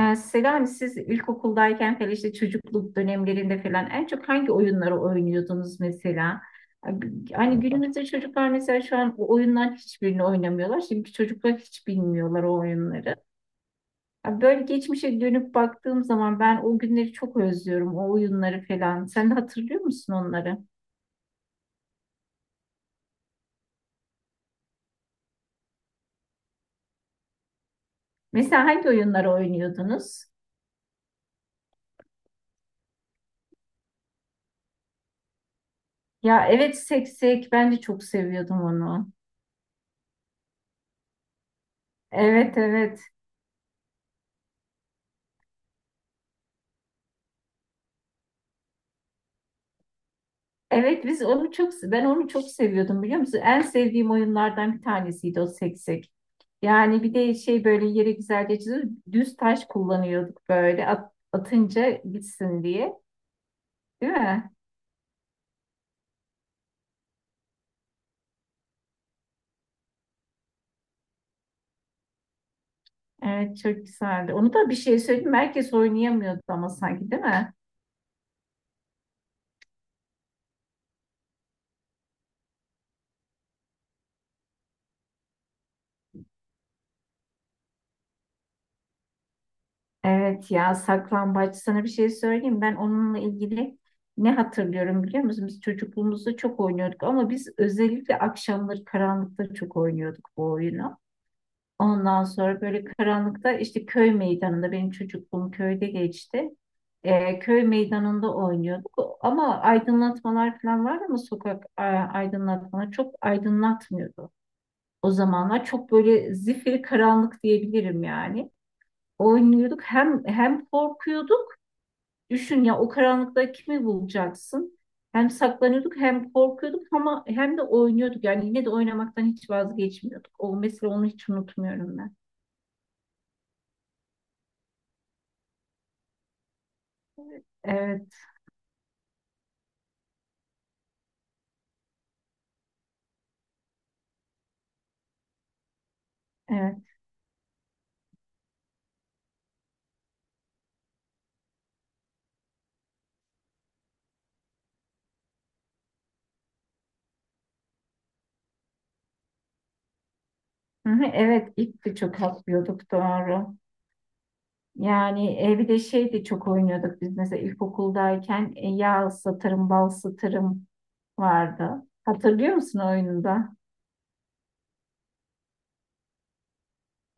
Selami siz ilkokuldayken falan işte çocukluk dönemlerinde falan en çok hangi oyunları oynuyordunuz mesela? Hani günümüzde çocuklar mesela şu an o oyundan hiçbirini oynamıyorlar. Şimdiki çocuklar hiç bilmiyorlar o oyunları. Ya böyle geçmişe dönüp baktığım zaman ben o günleri çok özlüyorum. O oyunları falan. Sen de hatırlıyor musun onları? Mesela hangi oyunları oynuyordunuz? Ya evet, seksek ben de çok seviyordum onu. Evet, evet. Evet biz onu çok ben onu çok seviyordum biliyor musun? En sevdiğim oyunlardan bir tanesiydi o seksek. Yani bir de şey böyle yere güzelce çiziyor. Düz taş kullanıyorduk böyle atınca gitsin diye. Değil mi? Evet çok güzeldi. Onu da bir şey söyleyeyim mi? Herkes oynayamıyordu ama sanki, değil mi? Evet ya, saklambaç, sana bir şey söyleyeyim. Ben onunla ilgili ne hatırlıyorum biliyor musun? Biz çocukluğumuzda çok oynuyorduk ama biz özellikle akşamları karanlıkta çok oynuyorduk bu oyunu. Ondan sonra böyle karanlıkta işte köy meydanında, benim çocukluğum köyde geçti. Köy meydanında oynuyorduk ama aydınlatmalar falan vardı ama sokak aydınlatmaları çok aydınlatmıyordu. O zamanlar çok böyle zifiri karanlık diyebilirim yani. Oynuyorduk hem korkuyorduk. Düşün ya, o karanlıkta kimi bulacaksın? Hem saklanıyorduk hem korkuyorduk ama hem de oynuyorduk. Yani yine de oynamaktan hiç vazgeçmiyorduk. O, mesela onu hiç unutmuyorum ben. Evet. Evet. Hı hı, evet, ip de çok atlıyorduk, doğru. Yani bir de şey de çok oynuyorduk biz, mesela ilkokuldayken yağ ıslatırım, bal ıslatırım vardı. Hatırlıyor musun oyununda?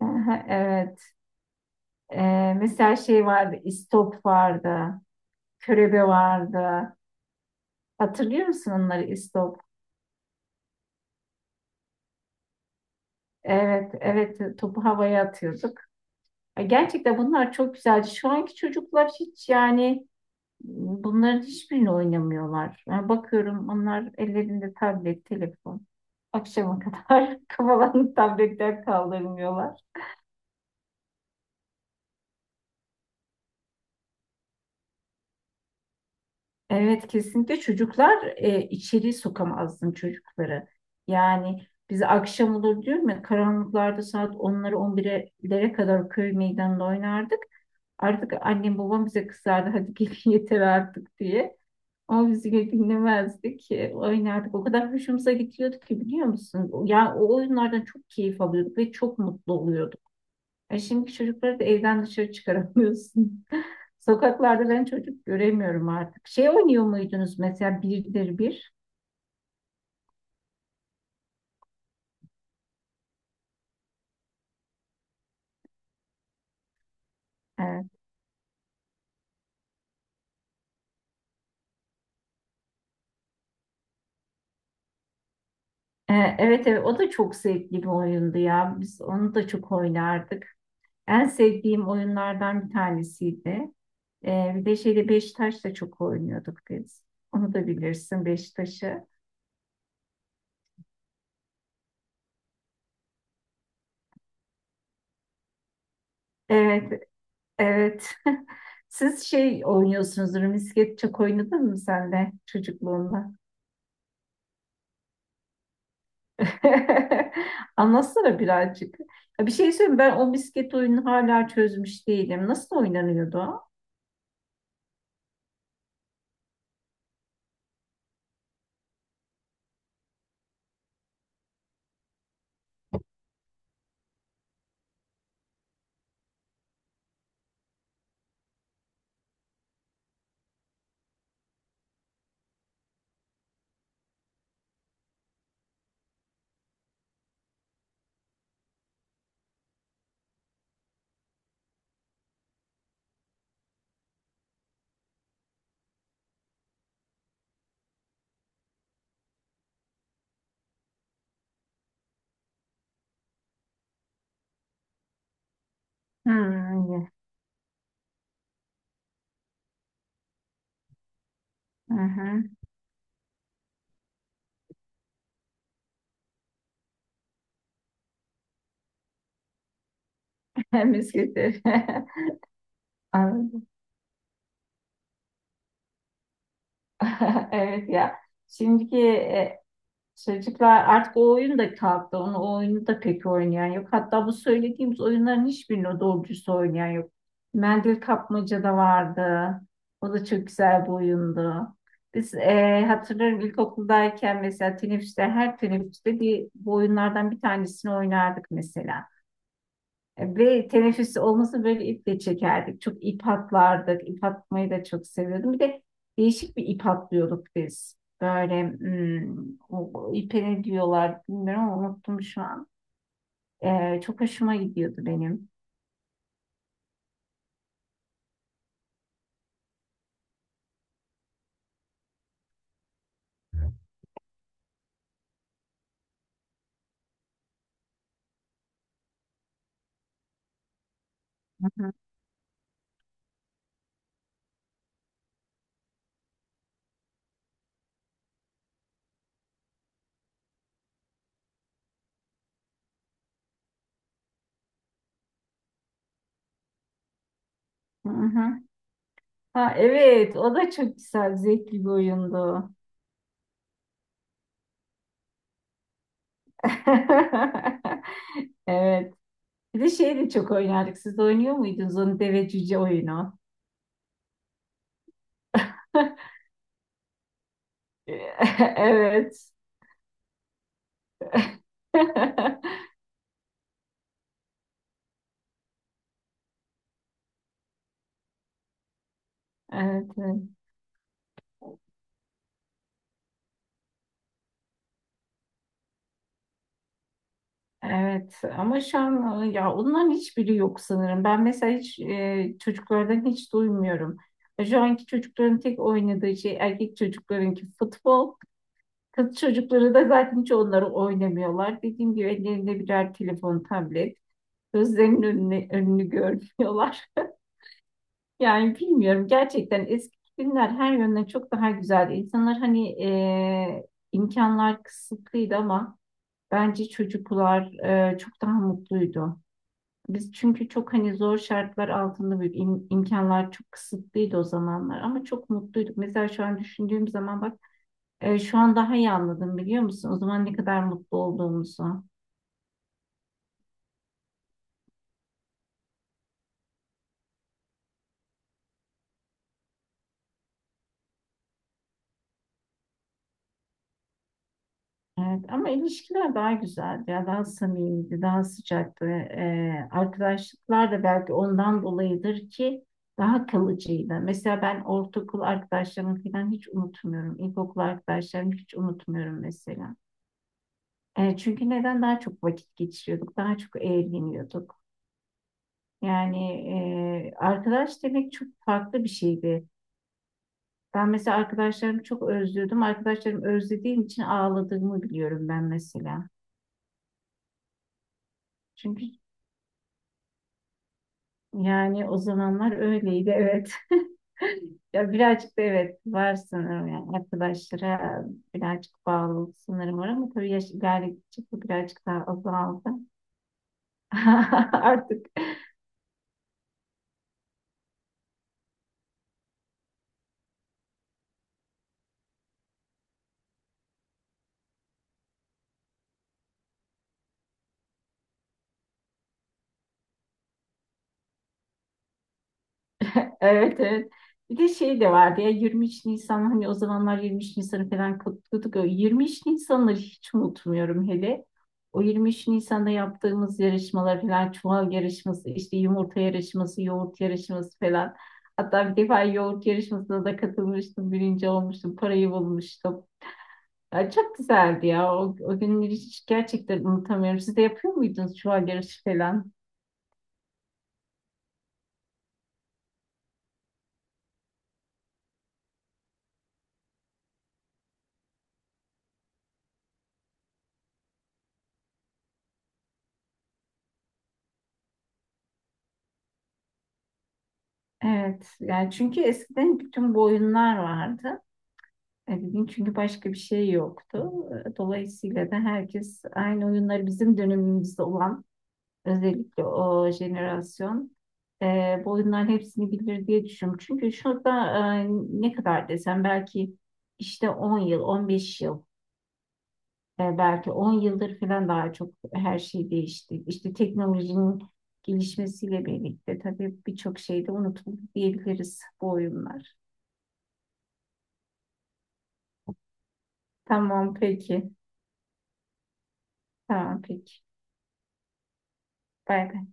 Hı hı, evet. Mesela şey vardı, istop vardı, körebe vardı. Hatırlıyor musun onları, istop? Evet, evet, topu havaya atıyorduk. Gerçekten bunlar çok güzeldi. Şu anki çocuklar hiç, yani bunların hiçbirini oynamıyorlar. Yani bakıyorum, onlar ellerinde tablet, telefon. Akşama kadar kafalarını tabletten kaldırmıyorlar. Evet, kesinlikle çocuklar içeri sokamazdım çocukları. Yani biz akşam olur diyorum ya, karanlıklarda saat 10'lara 11'lere kadar köy meydanında oynardık. Artık annem babam bize kızardı, hadi gelin yeter artık diye. Ama biz yine dinlemezdik. Oynardık. O kadar hoşumuza gidiyordu ki biliyor musun? Ya, o oyunlardan çok keyif alıyorduk ve çok mutlu oluyorduk. Şimdi çocukları da evden dışarı çıkaramıyorsun. Sokaklarda ben çocuk göremiyorum artık. Şey oynuyor muydunuz mesela, birdir bir? E, evet, evet, o da çok zevkli bir oyundu ya. Biz onu da çok oynardık. En sevdiğim oyunlardan bir tanesiydi. Bir de şeyde, Beşiktaş da çok oynuyorduk biz. Onu da bilirsin, Beşiktaş'ı. Evet, evet. Siz şey oynuyorsunuzdur. Misket çok oynadın mı sen de çocukluğunda? Anlatsana birazcık. Ya bir şey söyleyeyim, ben o misket oyunu hala çözmüş değilim. Nasıl oynanıyordu o? Hmm. Hı hı. Misketleri. Anladım. Evet ya. Şimdiki çocuklar artık o oyun da kalktı. Onu, o oyunu da pek oynayan yok. Hatta bu söylediğimiz oyunların hiçbirini doğru dürüst oynayan yok. Mendil kapmaca da vardı. O da çok güzel bir oyundu. Biz hatırlarım, ilkokuldayken mesela teneffüste, her teneffüste bir bu oyunlardan bir tanesini oynardık mesela. Ve teneffüs olması böyle, iple çekerdik. Çok ip atlardık. İp atmayı da çok seviyordum. Bir de değişik bir ip atlıyorduk biz. Böyle o ipe ne diyorlar bilmiyorum ama unuttum şu an. Çok hoşuma gidiyordu benim. Hı hı. Hı hı. Ha, evet, o da çok güzel, zevkli bir oyundu. Evet. Bir de şey de çok oynardık. Siz de oynuyor muydunuz onu, deve cüce oyunu? Evet. Evet, evet. Evet ama şu an ya, onların hiçbiri yok sanırım. Ben mesela hiç çocuklardan hiç duymuyorum. Şu anki çocukların tek oynadığı şey, erkek çocuklarınki futbol. Kız çocukları da zaten hiç onları oynamıyorlar. Dediğim gibi ellerinde birer telefon, tablet. Gözlerinin önünü, önünü görmüyorlar. Yani bilmiyorum, gerçekten eski günler her yönden çok daha güzeldi. İnsanlar hani imkanlar kısıtlıydı ama bence çocuklar çok daha mutluydu. Biz çünkü çok, hani, zor şartlar altında büyüdük. İmkanlar çok kısıtlıydı o zamanlar ama çok mutluyduk. Mesela şu an düşündüğüm zaman bak, şu an daha iyi anladım biliyor musun? O zaman ne kadar mutlu olduğumuzu. Evet ama ilişkiler daha güzeldi ya, daha samimiydi, daha sıcaktı. Arkadaşlıklar da belki ondan dolayıdır ki daha kalıcıydı. Mesela ben ortaokul arkadaşlarımı falan hiç unutmuyorum. İlkokul arkadaşlarımı hiç unutmuyorum mesela. Çünkü neden, daha çok vakit geçiriyorduk, daha çok eğleniyorduk. Yani arkadaş demek çok farklı bir şeydi. Ben mesela arkadaşlarımı çok özlüyordum. Arkadaşlarımı özlediğim için ağladığımı biliyorum ben, mesela. Çünkü yani o zamanlar öyleydi, evet. Ya birazcık da evet var sanırım, yani arkadaşlara birazcık bağlılık sanırım var ama tabii yaş ilerledikçe bu birazcık daha azaldı. Artık. Evet, evet. Bir de şey de vardı ya, 23 Nisan, hani o zamanlar 23 Nisan'ı falan kutluyorduk. O 23 Nisan'ları hiç unutmuyorum hele. O 23 Nisan'da yaptığımız yarışmalar falan, çuval yarışması, işte yumurta yarışması, yoğurt yarışması falan. Hatta bir defa yoğurt yarışmasına da katılmıştım, birinci olmuştum, parayı bulmuştum. Ya çok güzeldi ya. O günleri hiç gerçekten unutamıyorum. Siz de yapıyor muydunuz çuval yarışı falan? Evet. Yani çünkü eskiden bütün bu oyunlar vardı. Ebeveyn, çünkü başka bir şey yoktu. Dolayısıyla da herkes aynı oyunları, bizim dönemimizde olan, özellikle o jenerasyon bu oyunların hepsini bilir diye düşünüyorum. Çünkü şurada e, ne kadar desem, belki işte 10 yıl, 15 yıl belki 10 yıldır falan daha çok, her şey değişti. İşte teknolojinin gelişmesiyle birlikte tabii birçok şey de unutuldu diyebiliriz, bu oyunlar. Tamam, peki. Tamam, peki. Bay bay.